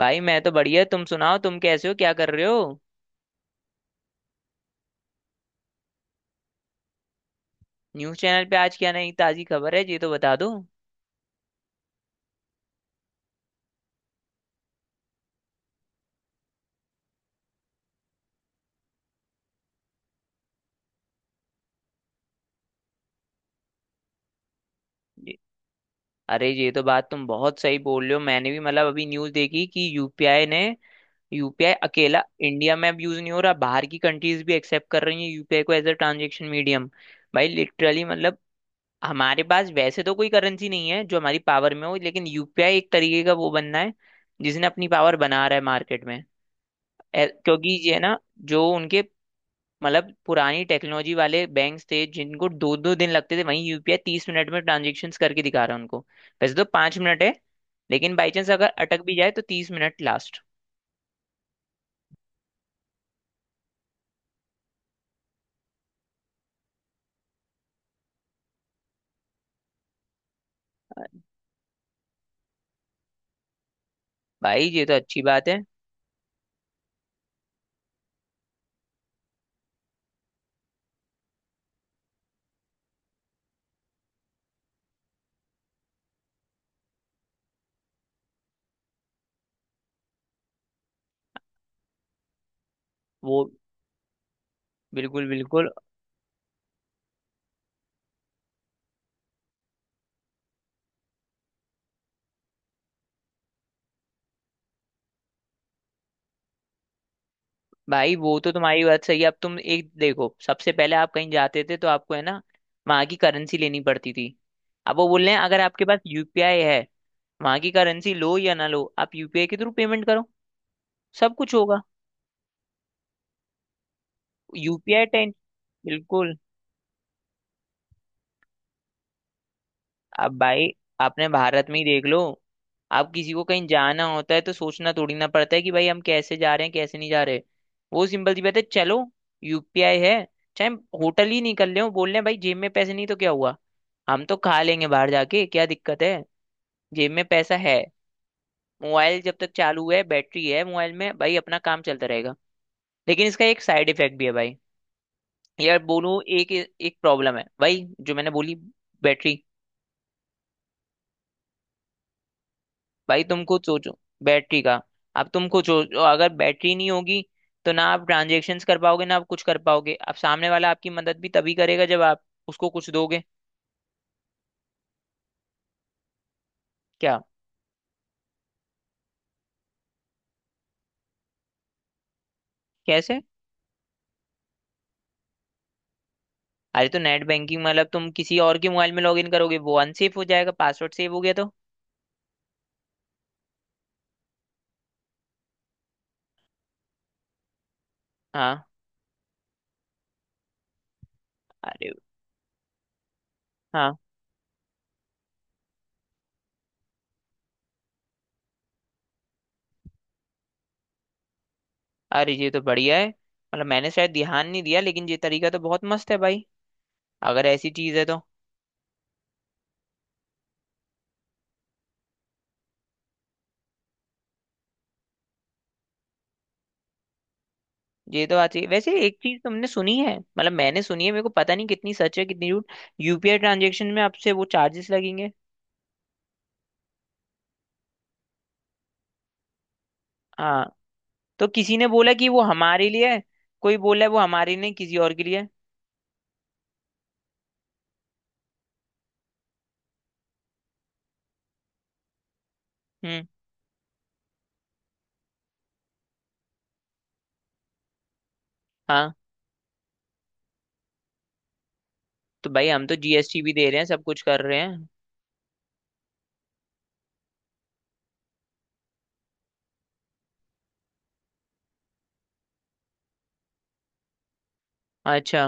भाई मैं तो बढ़िया। तुम सुनाओ, तुम कैसे हो, क्या कर रहे हो? न्यूज़ चैनल पे आज क्या नई ताजी खबर है ये तो बता दो। ये- अरे ये तो बात तुम बहुत सही बोल रहे हो। मैंने भी मतलब अभी न्यूज़ देखी कि यूपीआई अकेला इंडिया में अब यूज नहीं हो रहा, बाहर की कंट्रीज भी एक्सेप्ट कर रही है यूपीआई को एज अ ट्रांजेक्शन मीडियम। भाई लिटरली मतलब हमारे पास वैसे तो कोई करेंसी नहीं है जो हमारी पावर में हो, लेकिन यूपीआई एक तरीके का वो बनना है जिसने अपनी पावर बना रहा है मार्केट में। क्योंकि ये ना जो उनके मतलब पुरानी टेक्नोलॉजी वाले बैंक थे जिनको दो दो दिन लगते थे, वहीं यूपीआई 30 मिनट में ट्रांजेक्शन करके दिखा रहा है उनको। वैसे तो 5 मिनट है, लेकिन बाई चांस अगर अटक भी जाए तो 30 मिनट लास्ट। भाई ये तो अच्छी बात है। वो बिल्कुल बिल्कुल। भाई वो तो तुम्हारी बात सही है। अब तुम एक देखो, सबसे पहले आप कहीं जाते थे तो आपको है ना वहां की करेंसी लेनी पड़ती थी। अब वो बोल रहे हैं अगर आपके पास यूपीआई है, वहां की करेंसी लो या ना लो, आप यूपीआई के थ्रू पेमेंट करो, सब कुछ होगा। UPI ten. बिल्कुल। अब भाई अपने भारत में ही देख लो, आप किसी को कहीं जाना होता है तो सोचना थोड़ी ना पड़ता है कि भाई हम कैसे जा रहे हैं कैसे नहीं जा रहे। वो सिंपल सी बात है, चलो यूपीआई है। चाहे होटल ही नहीं कर ले, वो बोल रहे हैं भाई जेब में पैसे नहीं तो क्या हुआ, हम तो खा लेंगे बाहर जाके, क्या दिक्कत है, जेब में पैसा है। मोबाइल जब तक चालू है, बैटरी है मोबाइल में, भाई अपना काम चलता रहेगा। लेकिन इसका एक साइड इफेक्ट भी है भाई। यार बोलूं, एक एक प्रॉब्लम है भाई जो मैंने बोली। बैटरी। भाई तुम खुद सोचो। बैटरी का। अब तुम खुद सोचो, अगर बैटरी नहीं होगी तो ना आप ट्रांजेक्शन्स कर पाओगे, ना आप कुछ कर पाओगे। अब सामने वाला आपकी मदद भी तभी करेगा जब आप उसको कुछ दोगे। क्या? कैसे? अरे तो नेट बैंकिंग मतलब तुम किसी और के मोबाइल में लॉगिन करोगे, वो अनसेफ हो जाएगा, पासवर्ड सेव हो गया तो? हाँ। अरे हाँ। अरे ये तो बढ़िया है, मतलब मैंने शायद ध्यान नहीं दिया लेकिन ये तरीका तो बहुत मस्त है भाई, अगर ऐसी चीज है तो। ये तो बात सही है। वैसे एक चीज तुमने सुनी है, मतलब मैंने सुनी है, मेरे को पता नहीं कितनी सच है कितनी झूठ, यूपीआई ट्रांजेक्शन में आपसे वो चार्जेस लगेंगे। हाँ, तो किसी ने बोला कि वो हमारे लिए है, कोई बोला है वो हमारे लिए नहीं, किसी और के लिए है। हम्म। हाँ तो भाई हम तो जीएसटी भी दे रहे हैं, सब कुछ कर रहे हैं। अच्छा।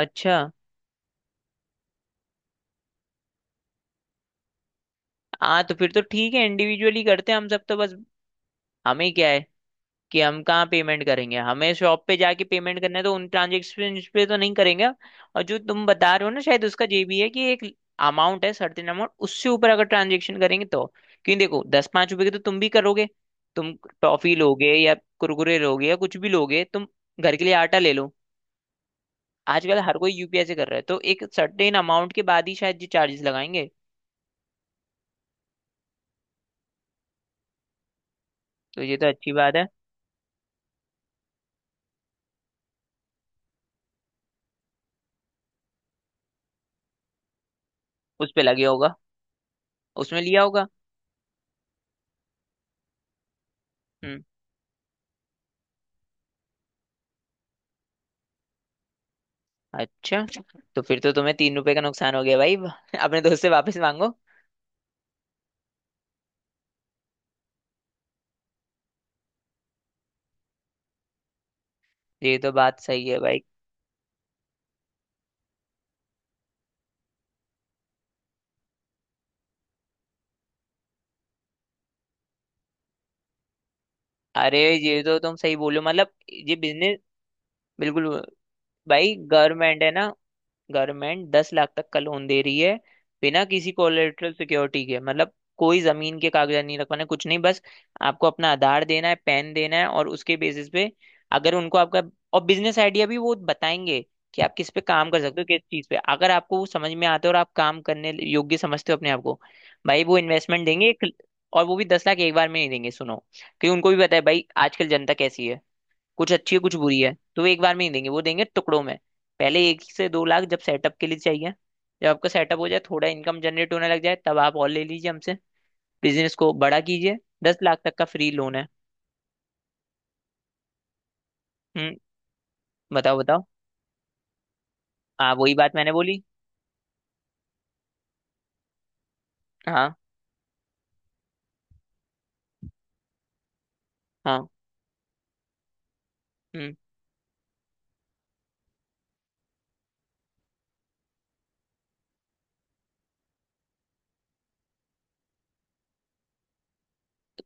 अच्छा। हाँ तो फिर तो ठीक है, इंडिविजुअली करते हैं हम सब तो बस। हमें क्या है कि हम कहाँ पेमेंट करेंगे, हमें शॉप पे जाके पेमेंट करना है, तो उन ट्रांजेक्शन पे तो नहीं करेंगे। और जो तुम बता रहे हो ना, शायद उसका ये भी है कि एक अमाउंट है, सर्टेन अमाउंट, उससे ऊपर अगर ट्रांजेक्शन करेंगे तो। क्योंकि देखो, दस पाँच रुपए की तो तुम भी करोगे, तुम टॉफी लोगे या कुरकुरे लोगे या कुछ भी लोगे तुम, घर के लिए आटा ले लो। आजकल हर कोई यूपीआई से कर रहा है, तो एक सर्टेन अमाउंट के बाद ही शायद ये चार्जेस लगाएंगे। तो ये तो अच्छी बात है। उस पे लगे होगा। उसमें लिया होगा। अच्छा, तो फिर तो तुम्हें 3 रुपए का नुकसान हो गया भाई अपने दोस्त से वापस मांगो। ये तो बात सही है भाई। अरे ये तो तुम सही बोलो मतलब, ये बिजनेस, बिल्कुल। भाई गवर्नमेंट है ना, गवर्नमेंट 10 लाख तक का लोन दे रही है बिना किसी कोलेटरल सिक्योरिटी के। मतलब कोई जमीन के कागजात नहीं रखवाने, कुछ नहीं, बस आपको अपना आधार देना है, पैन देना है, और उसके बेसिस पे अगर उनको आपका, और बिजनेस आइडिया भी वो बताएंगे कि आप किस पे काम कर सकते हो, किस चीज पे। अगर आपको वो समझ में आता है और आप काम करने योग्य समझते हो अपने आप को, भाई वो इन्वेस्टमेंट देंगे एक। और वो भी 10 लाख एक बार में नहीं देंगे, सुनो। क्योंकि उनको भी पता है भाई, आजकल जनता कैसी है, कुछ अच्छी है कुछ बुरी है, तो वो एक बार में नहीं देंगे, वो देंगे टुकड़ों में। पहले एक से 2 लाख जब सेटअप के लिए चाहिए। जब आपका सेटअप हो जाए, थोड़ा इनकम जनरेट होने लग जाए, तब आप और ले लीजिए हमसे, बिजनेस को बड़ा कीजिए। दस लाख तक का फ्री लोन है। हम्म। बताओ बताओ। हाँ वही बात मैंने बोली। हाँ। हाँ। हम्म।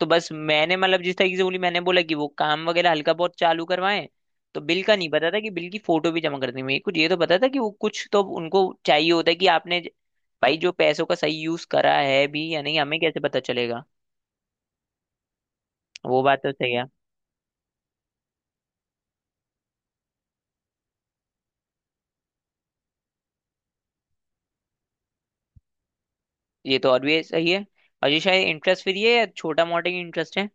तो बस मैंने मतलब जिस तरीके से बोली, मैंने बोला कि वो काम वगैरह हल्का बहुत चालू करवाएं। तो बिल का नहीं पता था कि बिल की फोटो भी जमा करनी है। मेरे कुछ ये तो पता था कि वो कुछ तो उनको चाहिए होता है कि आपने भाई जो पैसों का सही यूज करा है भी या नहीं, हमें कैसे पता चलेगा। वो बात तो सही है। ये तो और भी सही है। और ये शायद इंटरेस्ट, फिर ये छोटा मोटा ही इंटरेस्ट है।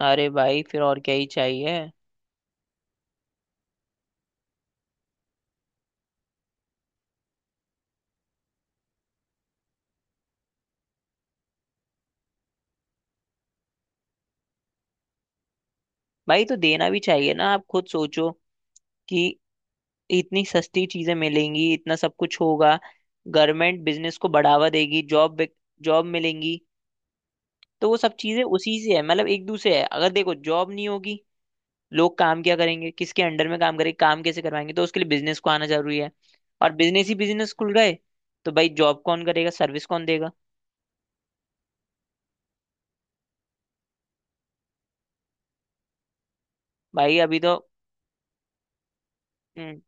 अरे भाई फिर और क्या ही चाहिए। भाई तो देना भी चाहिए ना, आप खुद सोचो कि इतनी सस्ती चीजें मिलेंगी, इतना सब कुछ होगा, गवर्नमेंट बिजनेस को बढ़ावा देगी, जॉब जॉब मिलेंगी। तो वो सब चीजें उसी से है, मतलब एक दूसरे है। अगर देखो जॉब नहीं होगी, लोग काम क्या करेंगे, किसके अंडर में काम करेंगे, काम कैसे करवाएंगे, तो उसके लिए बिजनेस को आना जरूरी है। और बिजनेस ही बिजनेस खुल गए, तो भाई जॉब कौन करेगा, सर्विस कौन देगा? भाई अभी तो हम्म,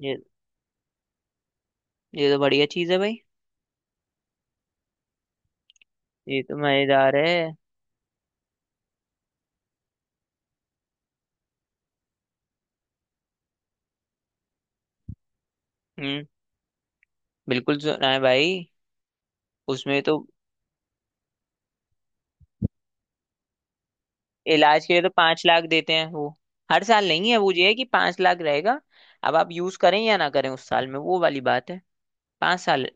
ये ये तो बढ़िया चीज है भाई। ये तो मजेदार है। हम्म। बिल्कुल सुना है भाई। उसमें तो इलाज के लिए तो 5 लाख देते हैं वो। हर साल नहीं है वो, ये है कि 5 लाख रहेगा। अब आप यूज करें या ना करें उस साल में, वो वाली बात है। 5 साल।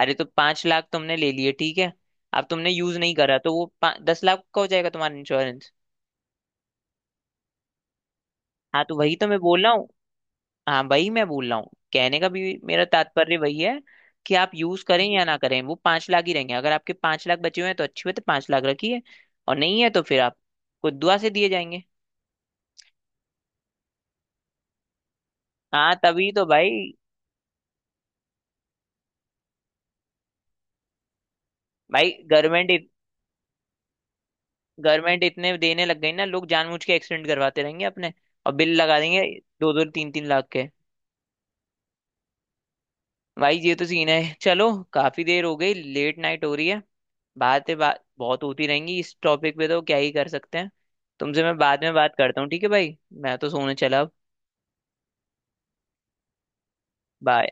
अरे तो 5 लाख तुमने ले लिए ठीक है, अब तुमने यूज नहीं करा तो वो 10 लाख का हो जाएगा तुम्हारा इंश्योरेंस। हाँ तो वही तो मैं बोल रहा हूँ। हाँ वही मैं बोल रहा हूँ, कहने का भी मेरा तात्पर्य वही है कि आप यूज करें या ना करें, वो 5 लाख ही रहेंगे। अगर आपके 5 लाख बचे हुए हैं तो अच्छी बात है, 5 लाख रखिए। और नहीं है तो फिर आप को दुआ से दिए जाएंगे। हाँ तभी तो भाई। भाई गवर्नमेंट गवर्नमेंट इतने देने लग गई ना, लोग जानबूझ के एक्सीडेंट करवाते रहेंगे अपने और बिल लगा देंगे दो दो तीन तीन लाख के। भाई ये तो सीन है, चलो काफी देर हो गई, लेट नाइट हो रही है। बातें बात बहुत होती रहेंगी इस टॉपिक पे, तो क्या ही कर सकते हैं। तुमसे मैं बाद में बात करता हूँ, ठीक है भाई, मैं तो सोने चला अब। Bye.